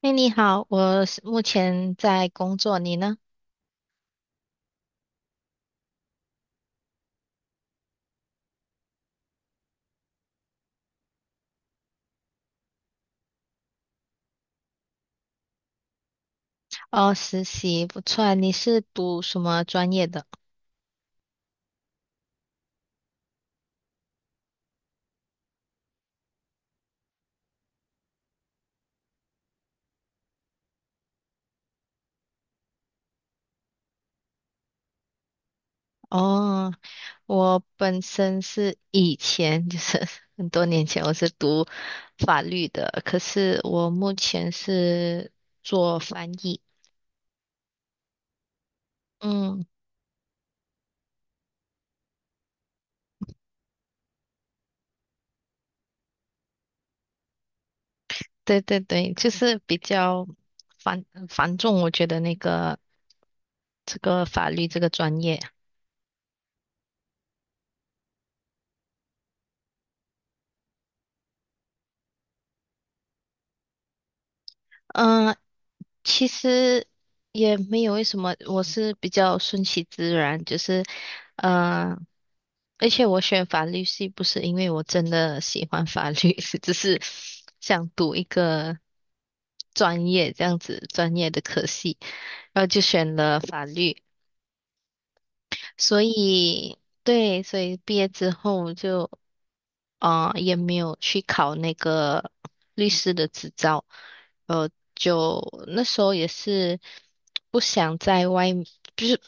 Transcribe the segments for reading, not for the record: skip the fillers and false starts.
哎，你好，我是目前在工作，你呢？哦，实习，不错啊你是读什么专业的？哦，我本身是以前就是 很多年前我是读法律的，可是我目前是做翻译。嗯，对对对，就是比较繁繁重，我觉得这个法律这个专业。嗯，其实也没有为什么，我是比较顺其自然，就是，嗯、而且我选法律系不是因为我真的喜欢法律，是只是想读一个专业这样子专业的科系，然后就选了法律，所以对，所以毕业之后就。也没有去考那个律师的执照，呃，就那时候也是不想在外面，就是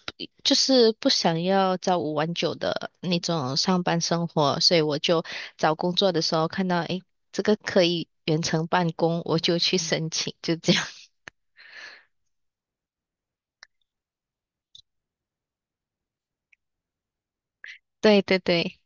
就是不想要朝五晚九的那种上班生活，所以我就找工作的时候看到，诶，这个可以远程办公，我就去申请，就这样。对对对，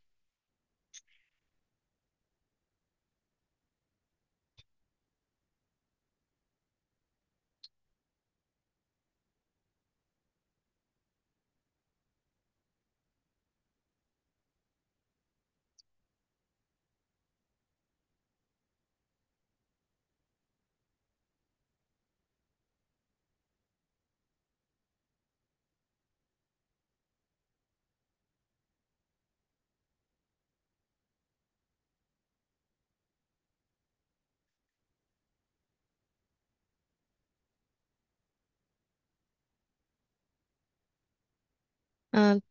嗯，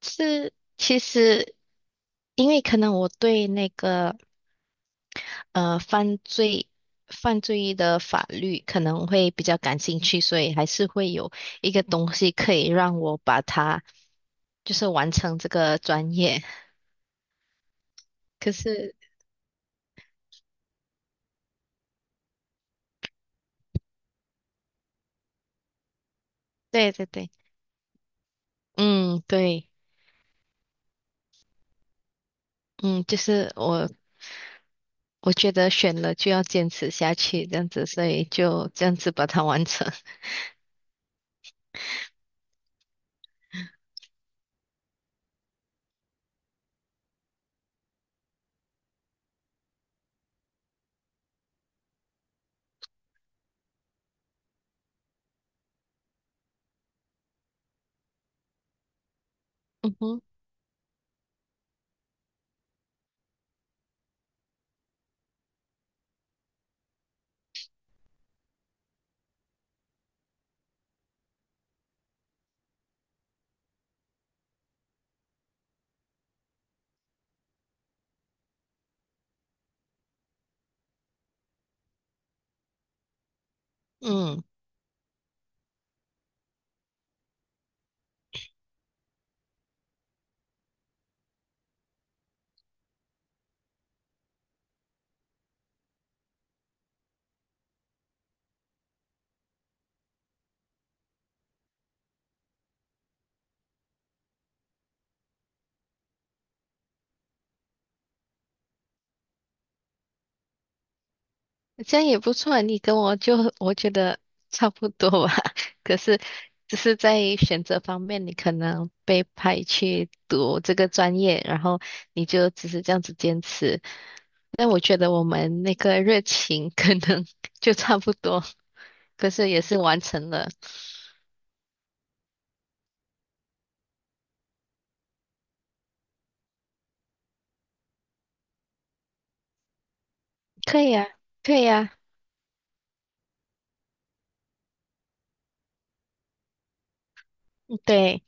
是其实因为可能我对那个。犯罪的法律可能会比较感兴趣，所以还是会有一个东西可以让我把它就是完成这个专业。可是，对对对，嗯，对，嗯，就是我觉得选了就要坚持下去，这样子，所以就这样子把它完成。嗯哼，嗯，这样也不错啊。你跟我就我觉得差不多吧，可是只是在选择方面，你可能被派去读这个专业，然后你就只是这样子坚持。但我觉得我们那个热情可能 就差不多，可是也是完成了。可以啊，可以啊，对，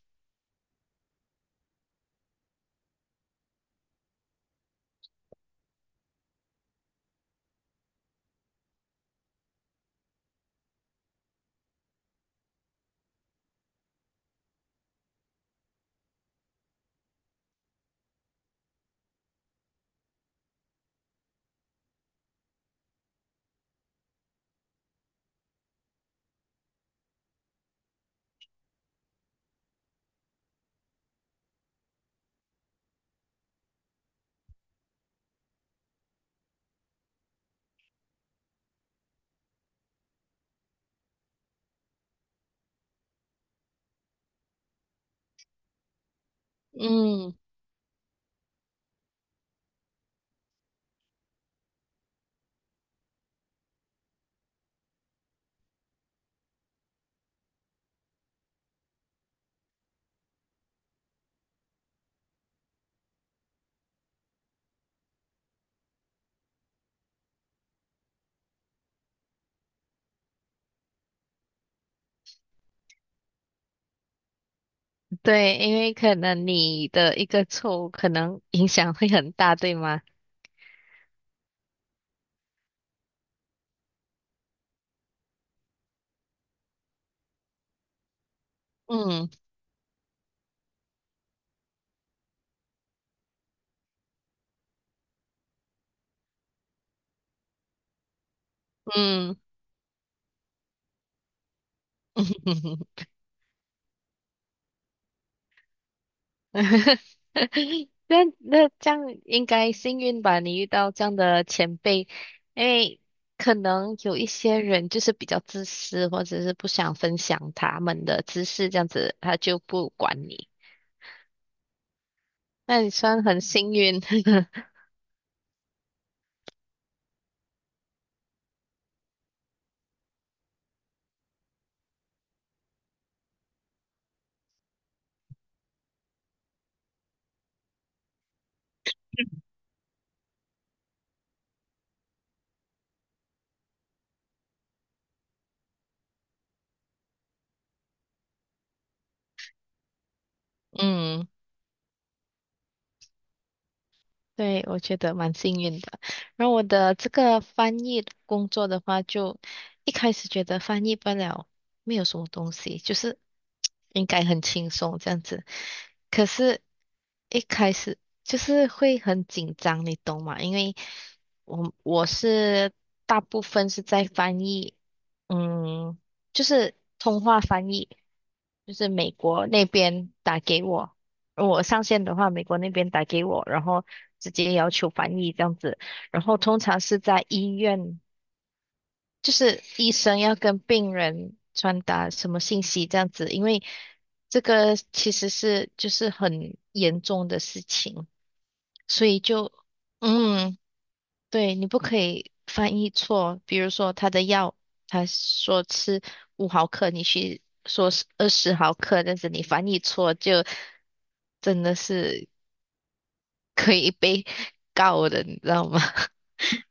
嗯，对，因为可能你的一个错误可能影响会很大，对吗？嗯嗯，那这样应该幸运吧？你遇到这样的前辈，因为可能有一些人就是比较自私，或者是不想分享他们的知识，这样子他就不管你。那你算很幸运，嗯对，我觉得蛮幸运的。然后我的这个翻译工作的话，就一开始觉得翻译不了，没有什么东西，就是 应该很轻松这样子。可是，一开始就是会很紧张，你懂吗？因为我是大部分是在翻译，嗯，就是通话翻译，就是美国那边打给我。我上线的话，美国那边打给我，然后直接要求翻译这样子。然后通常是在医院，就是医生要跟病人传达什么信息这样子，因为这个其实是就是很严重的事情，所以就嗯，对，你不可以翻译错。比如说他的药，他说吃5毫克，你去说是20毫克，但是你翻译错就真的是。可以被告的，你知道吗？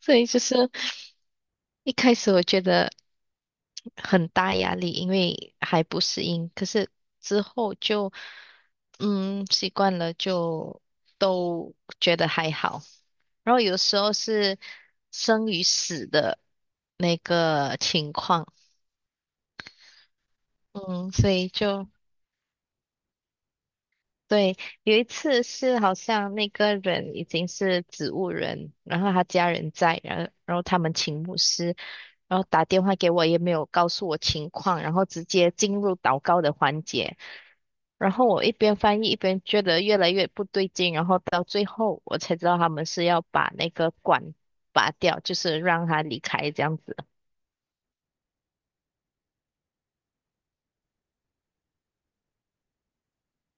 所以就是一开始我觉得很大压力，因为还不适应，可是之后就嗯习惯了，就都觉得还好。然后有时候是生与死的那个情况，嗯，所以就对，有一次是好像那个人已经是植物人，然后他家人在，然后他们请牧师，然后打电话给我，也没有告诉我情况，然后直接进入祷告的环节，然后我一边翻译一边觉得越来越不对劲，然后到最后我才知道他们是要把那个管拔掉，就是让他离开这样子。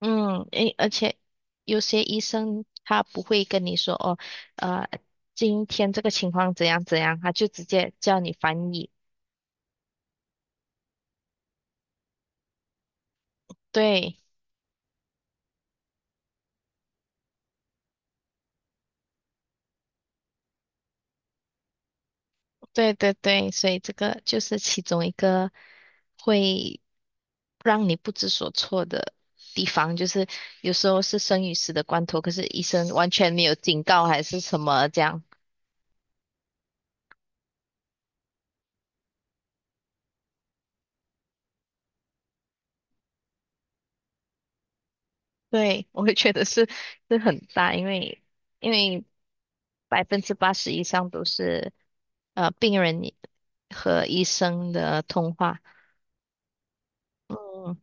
嗯，诶，而且有些医生他不会跟你说哦，呃，今天这个情况怎样怎样，他就直接叫你翻译。对，对对对，所以这个就是其中一个会让你不知所措的地方，就是有时候是生与死的关头，可是医生完全没有警告还是什么这样。对，我会觉得是很大，因为因为80%以上都是病人，和医生的通话。嗯，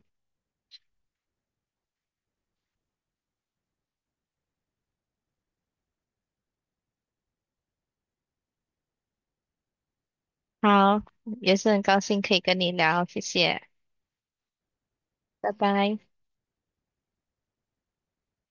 好，也是很高兴可以跟你聊，谢谢，拜拜。